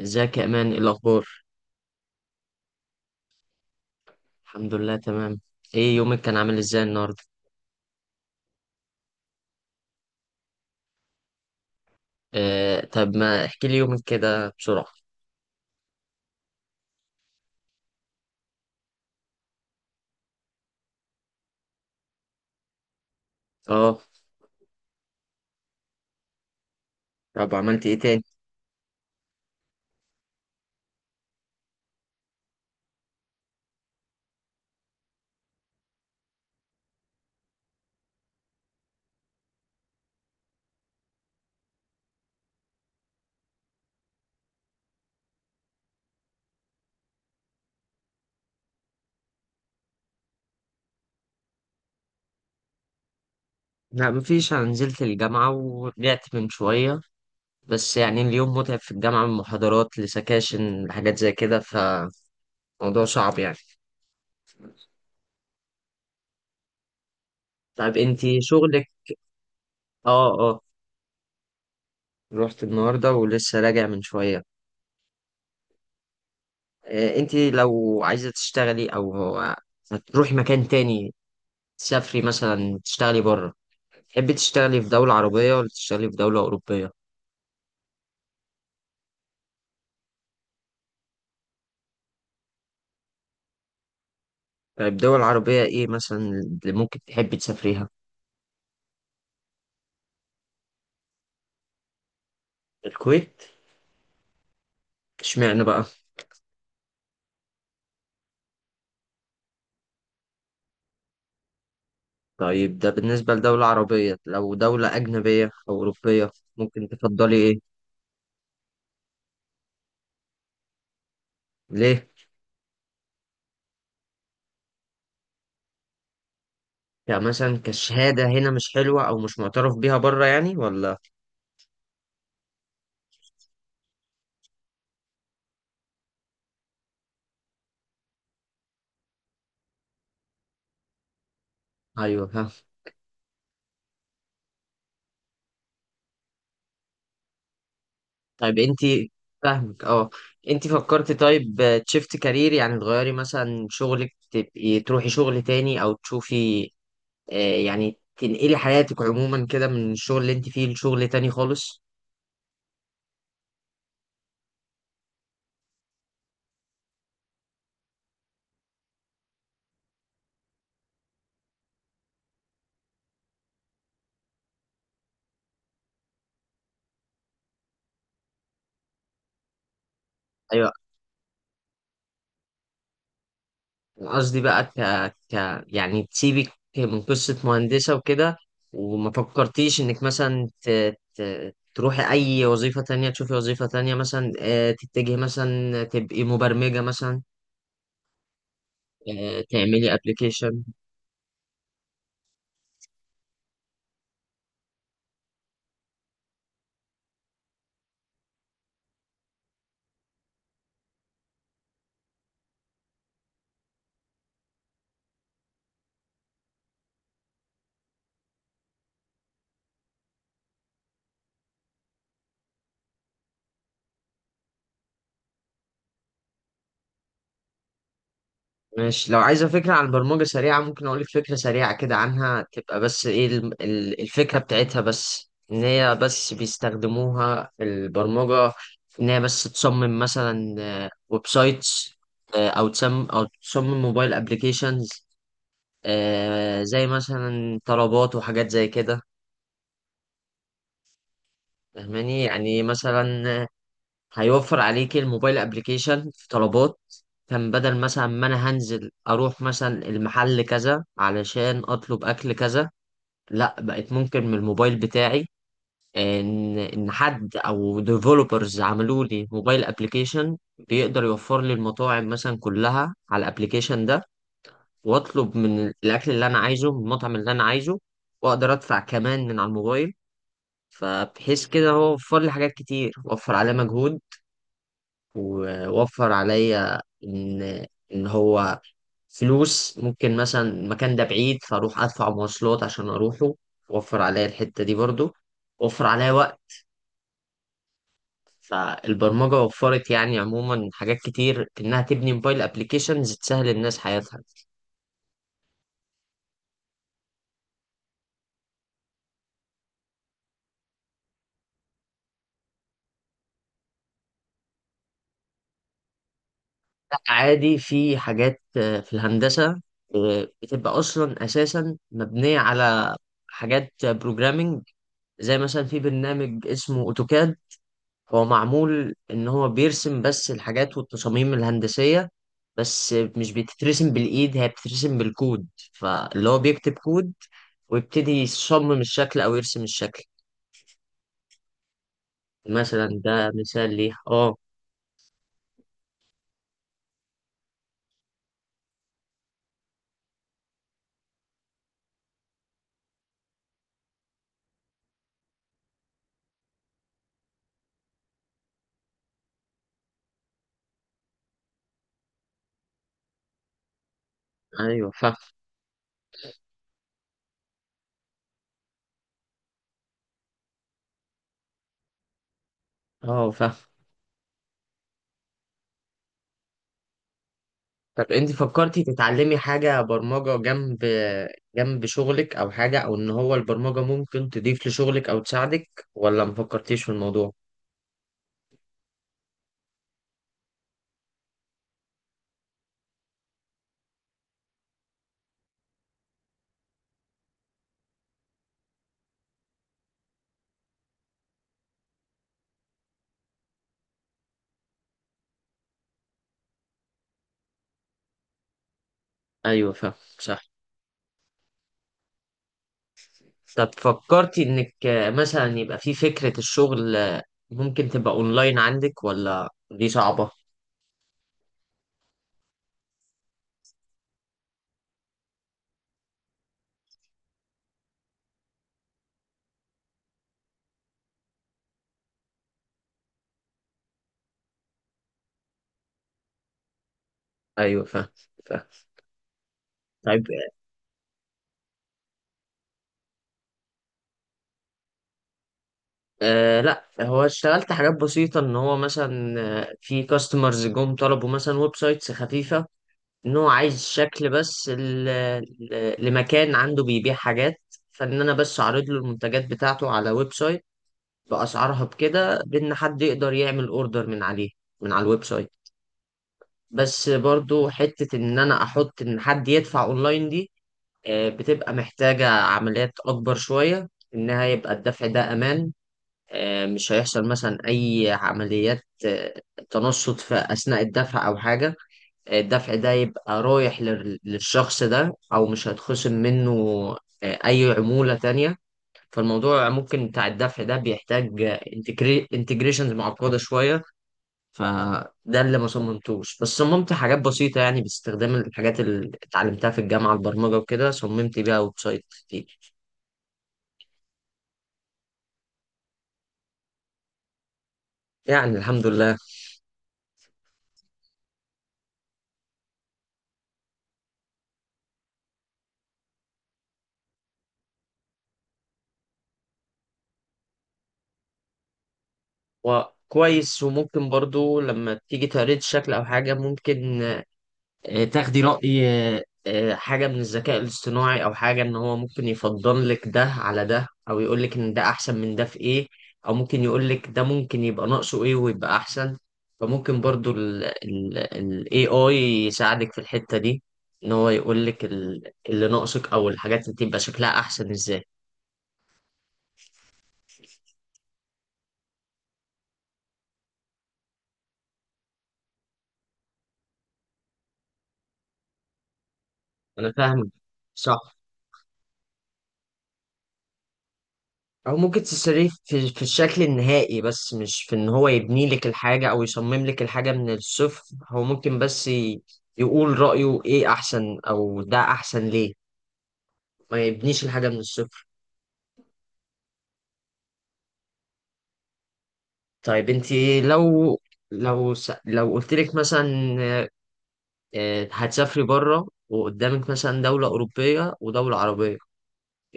ازيك يا امان، ايه الاخبار؟ الحمد لله، تمام. ايه يومك كان عامل ازاي النهارده؟ آه، طب ما احكي لي يومك كده بسرعه. اه، طب عملت ايه تاني؟ لا، مفيش. انا نزلت الجامعه ورجعت من شويه، بس يعني اليوم متعب في الجامعه، من محاضرات لسكاشن لحاجات زي كده، فموضوع صعب يعني. طب انتي شغلك؟ اه، اه، رحت النهارده ولسه راجع من شويه. آه، انتي لو عايزه تشتغلي، او هتروحي مكان تاني، تسافري مثلا تشتغلي بره، تحبي تشتغلي في دولة عربية ولا تشتغلي في دولة أوروبية؟ طيب دول عربية إيه مثلا اللي ممكن تحبي تسافريها؟ الكويت؟ اشمعنى بقى؟ طيب ده بالنسبة لدولة عربية، لو دولة أجنبية أو أوروبية ممكن تفضلي إيه؟ ليه؟ يعني مثلا كشهادة هنا مش حلوة أو مش معترف بيها بره يعني ولا؟ أيوه، ها. طيب أنتي فاهمك، أه. أنتي فكرتي، طيب، تشفت كارير، يعني تغيري مثلا شغلك تبقي تروحي شغل تاني أو تشوفي، يعني تنقلي حياتك عموما كده من الشغل اللي انت فيه لشغل تاني خالص. ايوه. أنا قصدي بقى يعني تسيبك من قصة مهندسة وكده، وما فكرتيش انك مثلا ت... تروحي اي وظيفة تانية، تشوفي وظيفة تانية، مثلا تتجهي مثلا تبقي مبرمجة مثلا، تعملي ابلكيشن. ماشي، لو عايزة فكرة عن برمجة سريعة ممكن أقولك فكرة سريعة كده عنها. تبقى بس إيه الفكرة بتاعتها، بس إن هي بس بيستخدموها في البرمجة، إن هي بس تصمم مثلا ويب سايتس، أو تصمم موبايل أبليكيشنز، زي مثلا طلبات وحاجات زي كده. فاهماني؟ يعني مثلا هيوفر عليك الموبايل ابليكيشن في طلبات. كان بدل مثلا ما انا هنزل اروح مثلا المحل كذا علشان اطلب اكل كذا، لا بقت ممكن من الموبايل بتاعي ان حد او ديفلوبرز عملوا لي موبايل ابليكيشن، بيقدر يوفر لي المطاعم مثلا كلها على الابليكيشن ده، واطلب من الاكل اللي انا عايزه من المطعم اللي انا عايزه، واقدر ادفع كمان من على الموبايل. فبحيث كده هو وفر لي حاجات كتير، وفر عليه مجهود، ووفر عليا ان هو فلوس، ممكن مثلا المكان ده بعيد فاروح ادفع مواصلات عشان اروحه، وفر عليا الحتة دي برضو، وفر عليا وقت. فالبرمجة وفرت يعني عموما حاجات كتير، انها تبني موبايل ابليكيشنز تسهل الناس حياتها. لا عادي، في حاجات في الهندسة بتبقى اصلا اساسا مبنية على حاجات بروجرامينج، زي مثلا في برنامج اسمه اوتوكاد، هو معمول ان هو بيرسم بس الحاجات والتصاميم الهندسية، بس مش بتترسم بالايد، هي بتترسم بالكود، فاللي هو بيكتب كود ويبتدي يصمم الشكل او يرسم الشكل. مثلا ده مثال ليه. اه، ايوه، فاهم. اه، فاهم. طب انت فكرتي تتعلمي حاجة برمجة جنب شغلك او حاجة، او ان هو البرمجة ممكن تضيف لشغلك او تساعدك، ولا مفكرتيش في الموضوع؟ ايوه، فاهم. صح. طب فكرتي انك مثلا يبقى في فكرة الشغل، ممكن تبقى اونلاين عندك ولا دي صعبة؟ ايوه، فاهم، فاهم. طيب، لا، هو اشتغلت حاجات بسيطة ان هو مثلا، في كاستمرز جم طلبوا مثلا ويب سايتس خفيفة، ان هو عايز شكل بس لمكان عنده بيبيع حاجات، فان انا بس اعرض له المنتجات بتاعته على ويب سايت باسعارها، بكده بان حد يقدر يعمل اوردر من عليه، من على الويب سايت. بس برضو حتة ان انا احط ان حد يدفع اونلاين دي، بتبقى محتاجة عمليات اكبر شوية، انها يبقى الدفع ده امان، مش هيحصل مثلا اي عمليات تنصت في اثناء الدفع او حاجة، الدفع ده يبقى رايح للشخص ده، او مش هيتخصم منه اي عمولة تانية. فالموضوع ممكن بتاع الدفع ده بيحتاج انتجريشنز معقدة شوية. فده اللي ما صممتوش، بس صممت حاجات بسيطة، يعني باستخدام الحاجات اللي اتعلمتها في الجامعة، البرمجة وكده، صممت بيها ويب سايت كتير. يعني الحمد لله. وكويس، وممكن برضو لما تيجي تقريت الشكل أو حاجة، ممكن تاخدي رأي حاجة من الذكاء الاصطناعي أو حاجة، إن هو ممكن يفضل لك ده على ده، أو يقول لك إن ده أحسن من ده في إيه، أو ممكن يقول لك ده ممكن يبقى ناقصه إيه ويبقى أحسن. فممكن برضو ال AI يساعدك في الحتة دي، إن هو يقول لك اللي ناقصك، أو الحاجات اللي تبقى شكلها أحسن إزاي. أنا فاهمك. صح. او ممكن تشتريه في الشكل النهائي، بس مش في ان هو يبني لك الحاجه او يصمم لك الحاجه من الصفر. هو ممكن بس يقول رايه ايه احسن، او ده احسن ليه، ما يبنيش الحاجه من الصفر. طيب انت، لو لو قلت لك مثلا، هتسافري بره وقدامك مثلا دوله اوروبيه ودوله عربيه،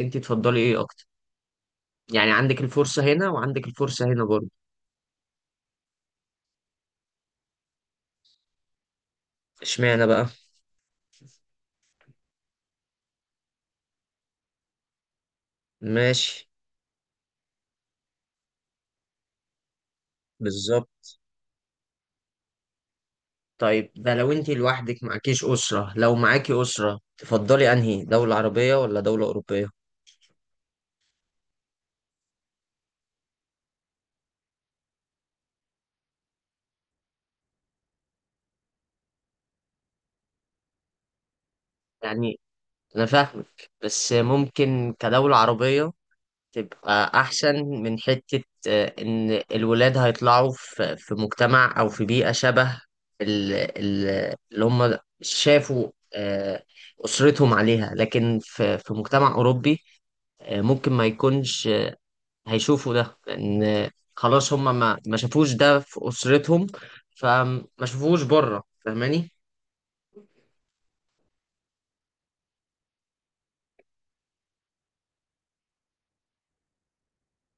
انت تفضلي ايه اكتر؟ يعني عندك الفرصه هنا وعندك الفرصه هنا برضه. اشمعنى بقى؟ ماشي. بالظبط. طيب ده لو انت لوحدك معكيش أسرة، لو معاكي أسرة تفضلي أنهي دولة عربية ولا دولة أوروبية؟ يعني أنا فاهمك، بس ممكن كدولة عربية تبقى أحسن، من حتة إن الولاد هيطلعوا في مجتمع أو في بيئة شبه اللي هم شافوا أسرتهم عليها، لكن في مجتمع أوروبي ممكن ما يكونش هيشوفوا ده، لان خلاص هم ما شافوش ده في اسرتهم، فما شافوش بره. فاهماني؟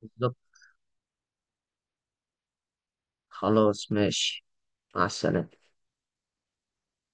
بالظبط. خلاص، ماشي. مع السلامة.